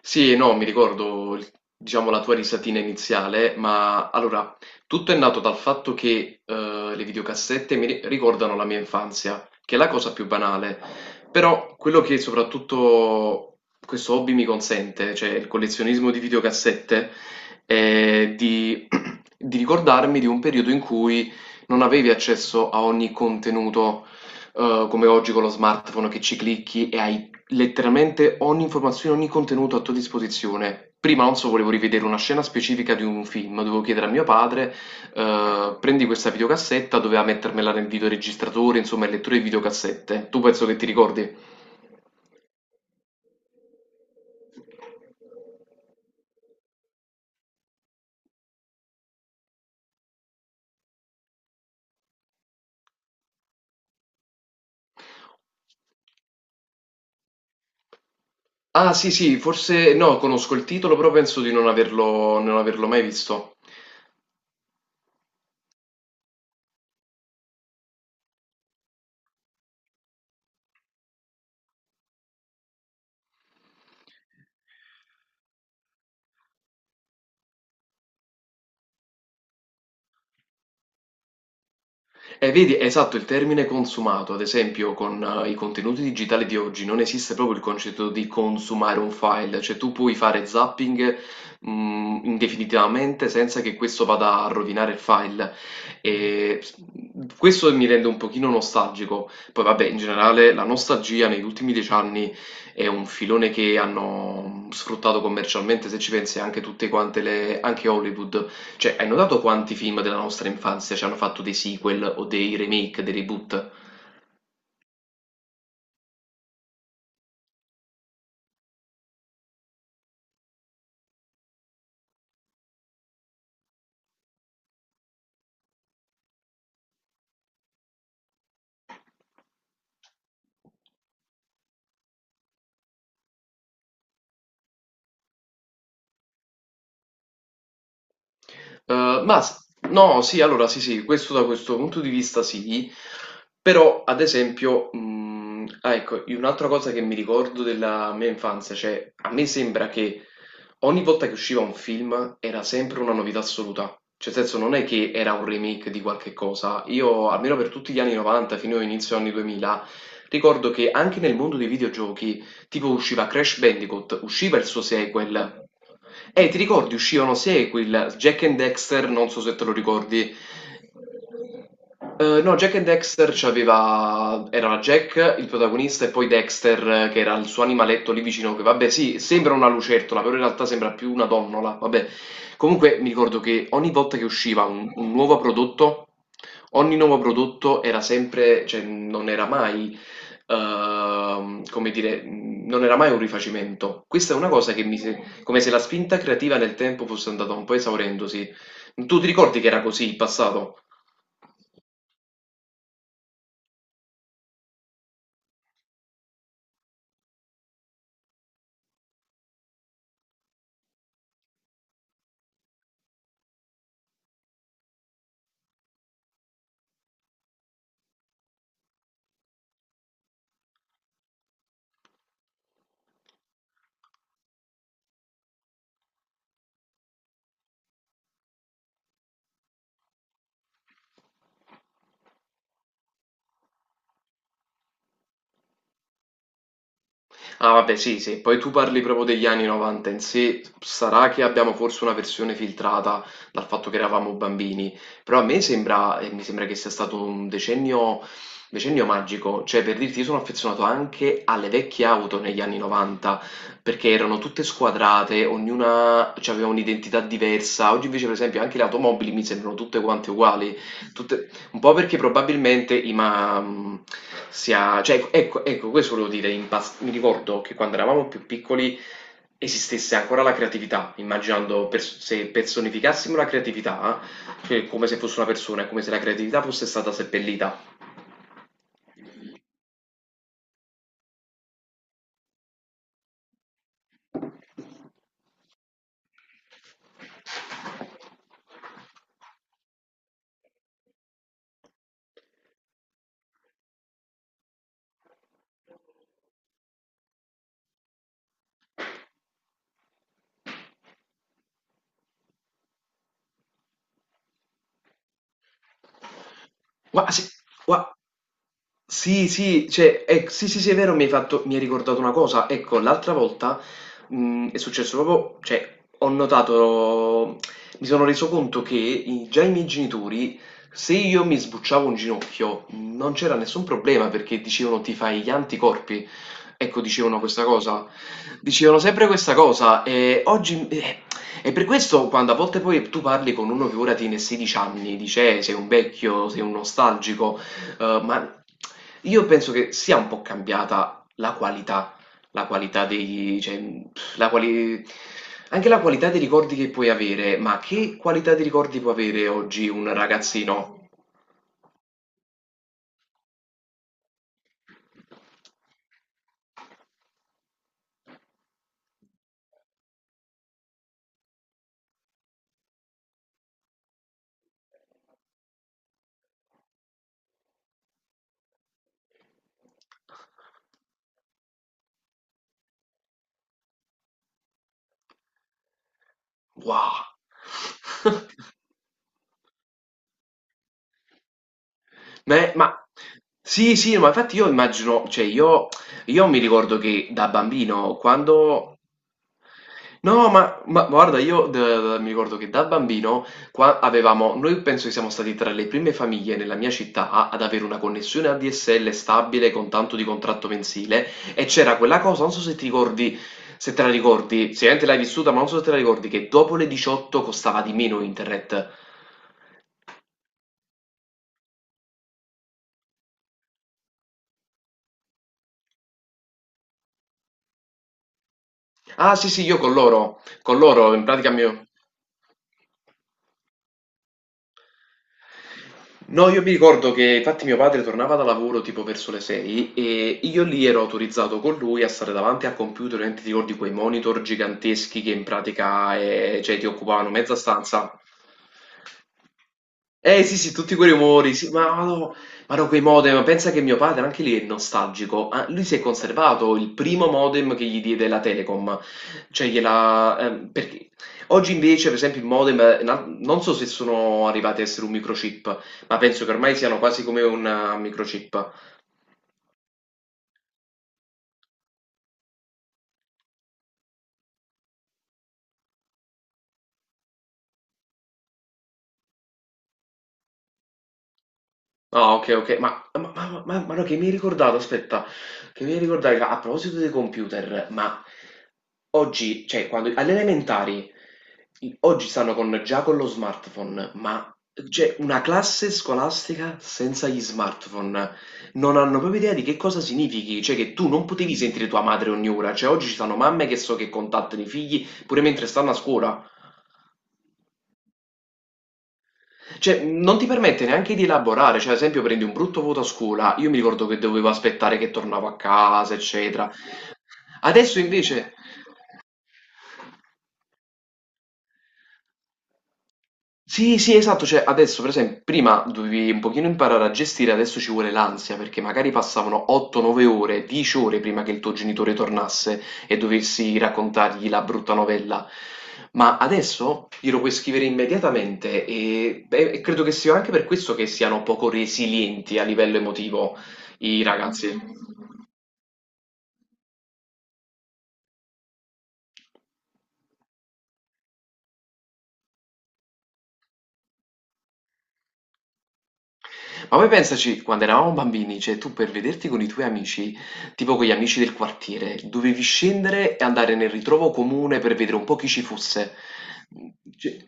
Sì, no, mi ricordo, diciamo, la tua risatina iniziale, ma allora, tutto è nato dal fatto che le videocassette mi ricordano la mia infanzia, che è la cosa più banale, però quello che soprattutto questo hobby mi consente, cioè il collezionismo di videocassette, è di ricordarmi di un periodo in cui non avevi accesso a ogni contenuto, come oggi con lo smartphone, che ci clicchi e hai letteralmente ogni informazione, ogni contenuto a tua disposizione. Prima, non so, volevo rivedere una scena specifica di un film, dovevo chiedere a mio padre: prendi questa videocassetta, doveva mettermela nel videoregistratore, insomma, il lettore di videocassette. Tu penso che ti ricordi? Ah, sì, sì, forse no, conosco il titolo, però penso di non averlo mai visto. Vedi, esatto, il termine consumato, ad esempio, con i contenuti digitali di oggi non esiste proprio il concetto di consumare un file, cioè tu puoi fare zapping indefinitivamente senza che questo vada a rovinare il file. E s- questo mi rende un pochino nostalgico. Poi, vabbè, in generale la nostalgia negli ultimi 10 anni è un filone che hanno sfruttato commercialmente, se ci pensi, anche tutte quante le, anche Hollywood, cioè, hai notato quanti film della nostra infanzia ci hanno fatto dei sequel o dei remake, dei reboot? Eh, ma s- no, sì, allora sì, sì, questo da questo punto di vista sì, però ad esempio, ecco, un'altra cosa che mi ricordo della mia infanzia, cioè, a me sembra che ogni volta che usciva un film era sempre una novità assoluta, cioè nel senso non è che era un remake di qualche cosa. Io almeno per tutti gli anni 90 fino all'inizio anni 2000 ricordo che anche nel mondo dei videogiochi tipo usciva Crash Bandicoot, usciva il suo sequel. Ti ricordi, uscivano sequel, Jack and Dexter, non so se te lo ricordi, no, Jack e Dexter c'aveva. Era Jack il protagonista e poi Dexter, che era il suo animaletto lì vicino. Che vabbè, sì, sembra una lucertola, però in realtà sembra più una donnola. Vabbè, comunque mi ricordo che ogni volta che usciva un nuovo prodotto, ogni nuovo prodotto era sempre, cioè non era mai, come dire, non era mai un rifacimento. Questa è una cosa che mi. Se- come se la spinta creativa nel tempo fosse andata un po' esaurendosi. Tu ti ricordi che era così in passato? Ah, vabbè, sì, sì, poi tu parli proprio degli anni 90 in sé. Sarà che abbiamo forse una versione filtrata dal fatto che eravamo bambini, però a me sembra, e mi sembra che sia stato un decennio, magico, cioè per dirti, io sono affezionato anche alle vecchie auto negli anni 90, perché erano tutte squadrate, ognuna aveva un'identità diversa. Oggi invece, per esempio, anche le automobili mi sembrano tutte quante uguali, tutte- un po' perché probabilmente i ma mhmm, sia cioè, ecco ecco, questo volevo dire, impas mi ricordo che quando eravamo più piccoli esistesse ancora la creatività. Immaginando, pers se personificassimo la creatività, cioè come se fosse una persona, è come se la creatività fosse stata seppellita. Gua sì, gua Sì, sì, cioè, sì, sì, sì, è vero, mi hai ricordato una cosa. Ecco, l'altra volta, è successo proprio, cioè, ho notato, mi sono reso conto che già i miei genitori, se io mi sbucciavo un ginocchio, non c'era nessun problema perché dicevano: ti fai gli anticorpi. Ecco, dicevano questa cosa. Dicevano sempre questa cosa, e oggi. E per questo, quando a volte poi tu parli con uno che ora tiene 16 anni, dice: sei un vecchio, sei un nostalgico". Ma io penso che sia un po' cambiata la qualità, la qualità dei cioè, mhmm, la quali anche la qualità dei ricordi che puoi avere. Ma che qualità di ricordi può avere oggi un ragazzino? Wow! Me ma Sì, sì, ma infatti io immagino, cioè, io mi ricordo che da bambino quando... No, ma, guarda, mi ricordo che da bambino, qua, avevamo, noi penso che siamo stati tra le prime famiglie nella mia città ad avere una connessione ADSL stabile, con tanto di contratto mensile. E c'era quella cosa, non so se ti ricordi, se te la ricordi, sicuramente l'hai vissuta, ma non so se te la ricordi, che dopo le 18 costava di meno internet. Ah, sì, sì, io con loro, in pratica mio... No, io mi ricordo che infatti mio padre tornava da lavoro tipo verso le 6, e io lì ero autorizzato con lui a stare davanti al computer, ovviamente. Ti ricordi quei monitor giganteschi che in pratica, cioè, ti occupavano mezza stanza. Eh sì, sì, tutti quei rumori, sì, ma no, quei modem, pensa che mio padre anche lì è nostalgico. Ah, lui si è conservato il primo modem che gli diede la Telecom, cioè gliela... perché... Oggi invece, per esempio, il modem, non so se sono arrivati a essere un microchip, ma penso che ormai siano quasi come un, microchip. Ah, ok, ok, ma, ma no, che mi hai ricordato, aspetta, che mi hai ricordato, a proposito dei computer. Ma oggi, cioè, quando alle elementari, oggi stanno con già con lo smartphone, ma c'è una classe scolastica senza gli smartphone. Non hanno proprio idea di che cosa significhi, cioè che tu non potevi sentire tua madre ogni ora. Cioè, oggi ci sono mamme che so che contattano i figli pure mentre stanno a scuola, cioè non ti permette neanche di elaborare. Cioè, ad esempio, prendi un brutto voto a scuola, io mi ricordo che dovevo aspettare che tornavo a casa, eccetera. Adesso invece... Sì, sì, esatto, cioè adesso, per esempio, prima dovevi un pochino imparare a gestire, adesso ci vuole l'ansia, perché magari passavano 8-9 ore, 10 ore prima che il tuo genitore tornasse e dovessi raccontargli la brutta novella. Ma adesso glielo puoi scrivere immediatamente, beh, e credo che sia anche per questo che siano poco resilienti a livello emotivo i ragazzi. Ma poi pensaci, quando eravamo bambini, cioè, tu per vederti con i tuoi amici, tipo con gli amici del quartiere, dovevi scendere e andare nel ritrovo comune per vedere un po' chi ci fosse. Cioè-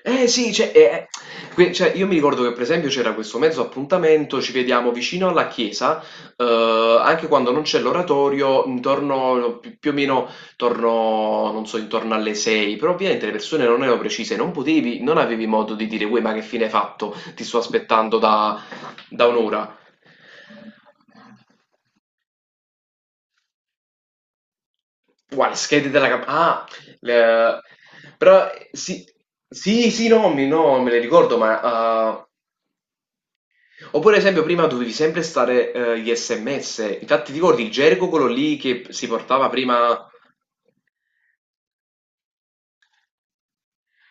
eh sì, cioè, io mi ricordo che, per esempio, c'era questo mezzo appuntamento: ci vediamo vicino alla chiesa, anche quando non c'è l'oratorio, intorno, più o meno intorno, non so, intorno alle 6, però ovviamente le persone non erano precise, non potevi, non avevi modo di dire: uè, ma che fine hai fatto? Ti sto aspettando da un'ora. Guarda, le schede della ah, le- però, sì, sì, sì, no, no, me le ricordo, ma... oppure, ad esempio, prima dovevi sempre stare, gli SMS. Infatti, ti ricordi il gergo quello lì che si portava prima...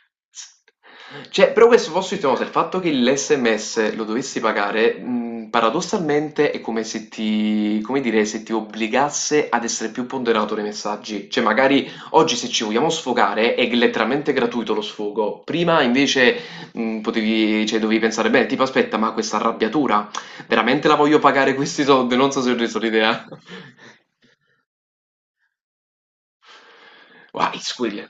Cioè, però questo posso dirti una cosa: il fatto che l'SMS lo dovessi pagare, paradossalmente è come se ti, come dire, se ti obbligasse ad essere più ponderato nei messaggi. Cioè, magari oggi, se ci vogliamo sfogare, è letteralmente gratuito lo sfogo. Prima invece potevi, cioè, dovevi pensare: beh, tipo, aspetta, ma questa arrabbiatura veramente la voglio pagare questi soldi? Non so se ho reso l'idea. Wow, it's weird.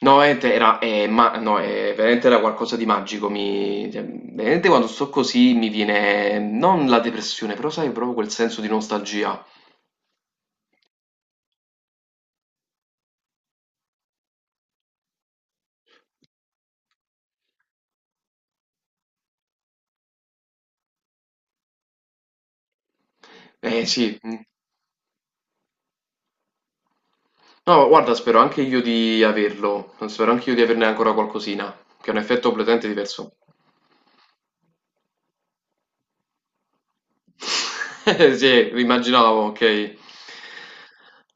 No, veramente era, no, veramente era qualcosa di magico. Cioè, veramente, quando sto così mi viene non la depressione, però sai, proprio quel senso di nostalgia. Eh sì, mm. No, guarda, spero anche io di averlo. Spero anche io di averne ancora qualcosina, che è un effetto completamente diverso. Sì, immaginavo, ok.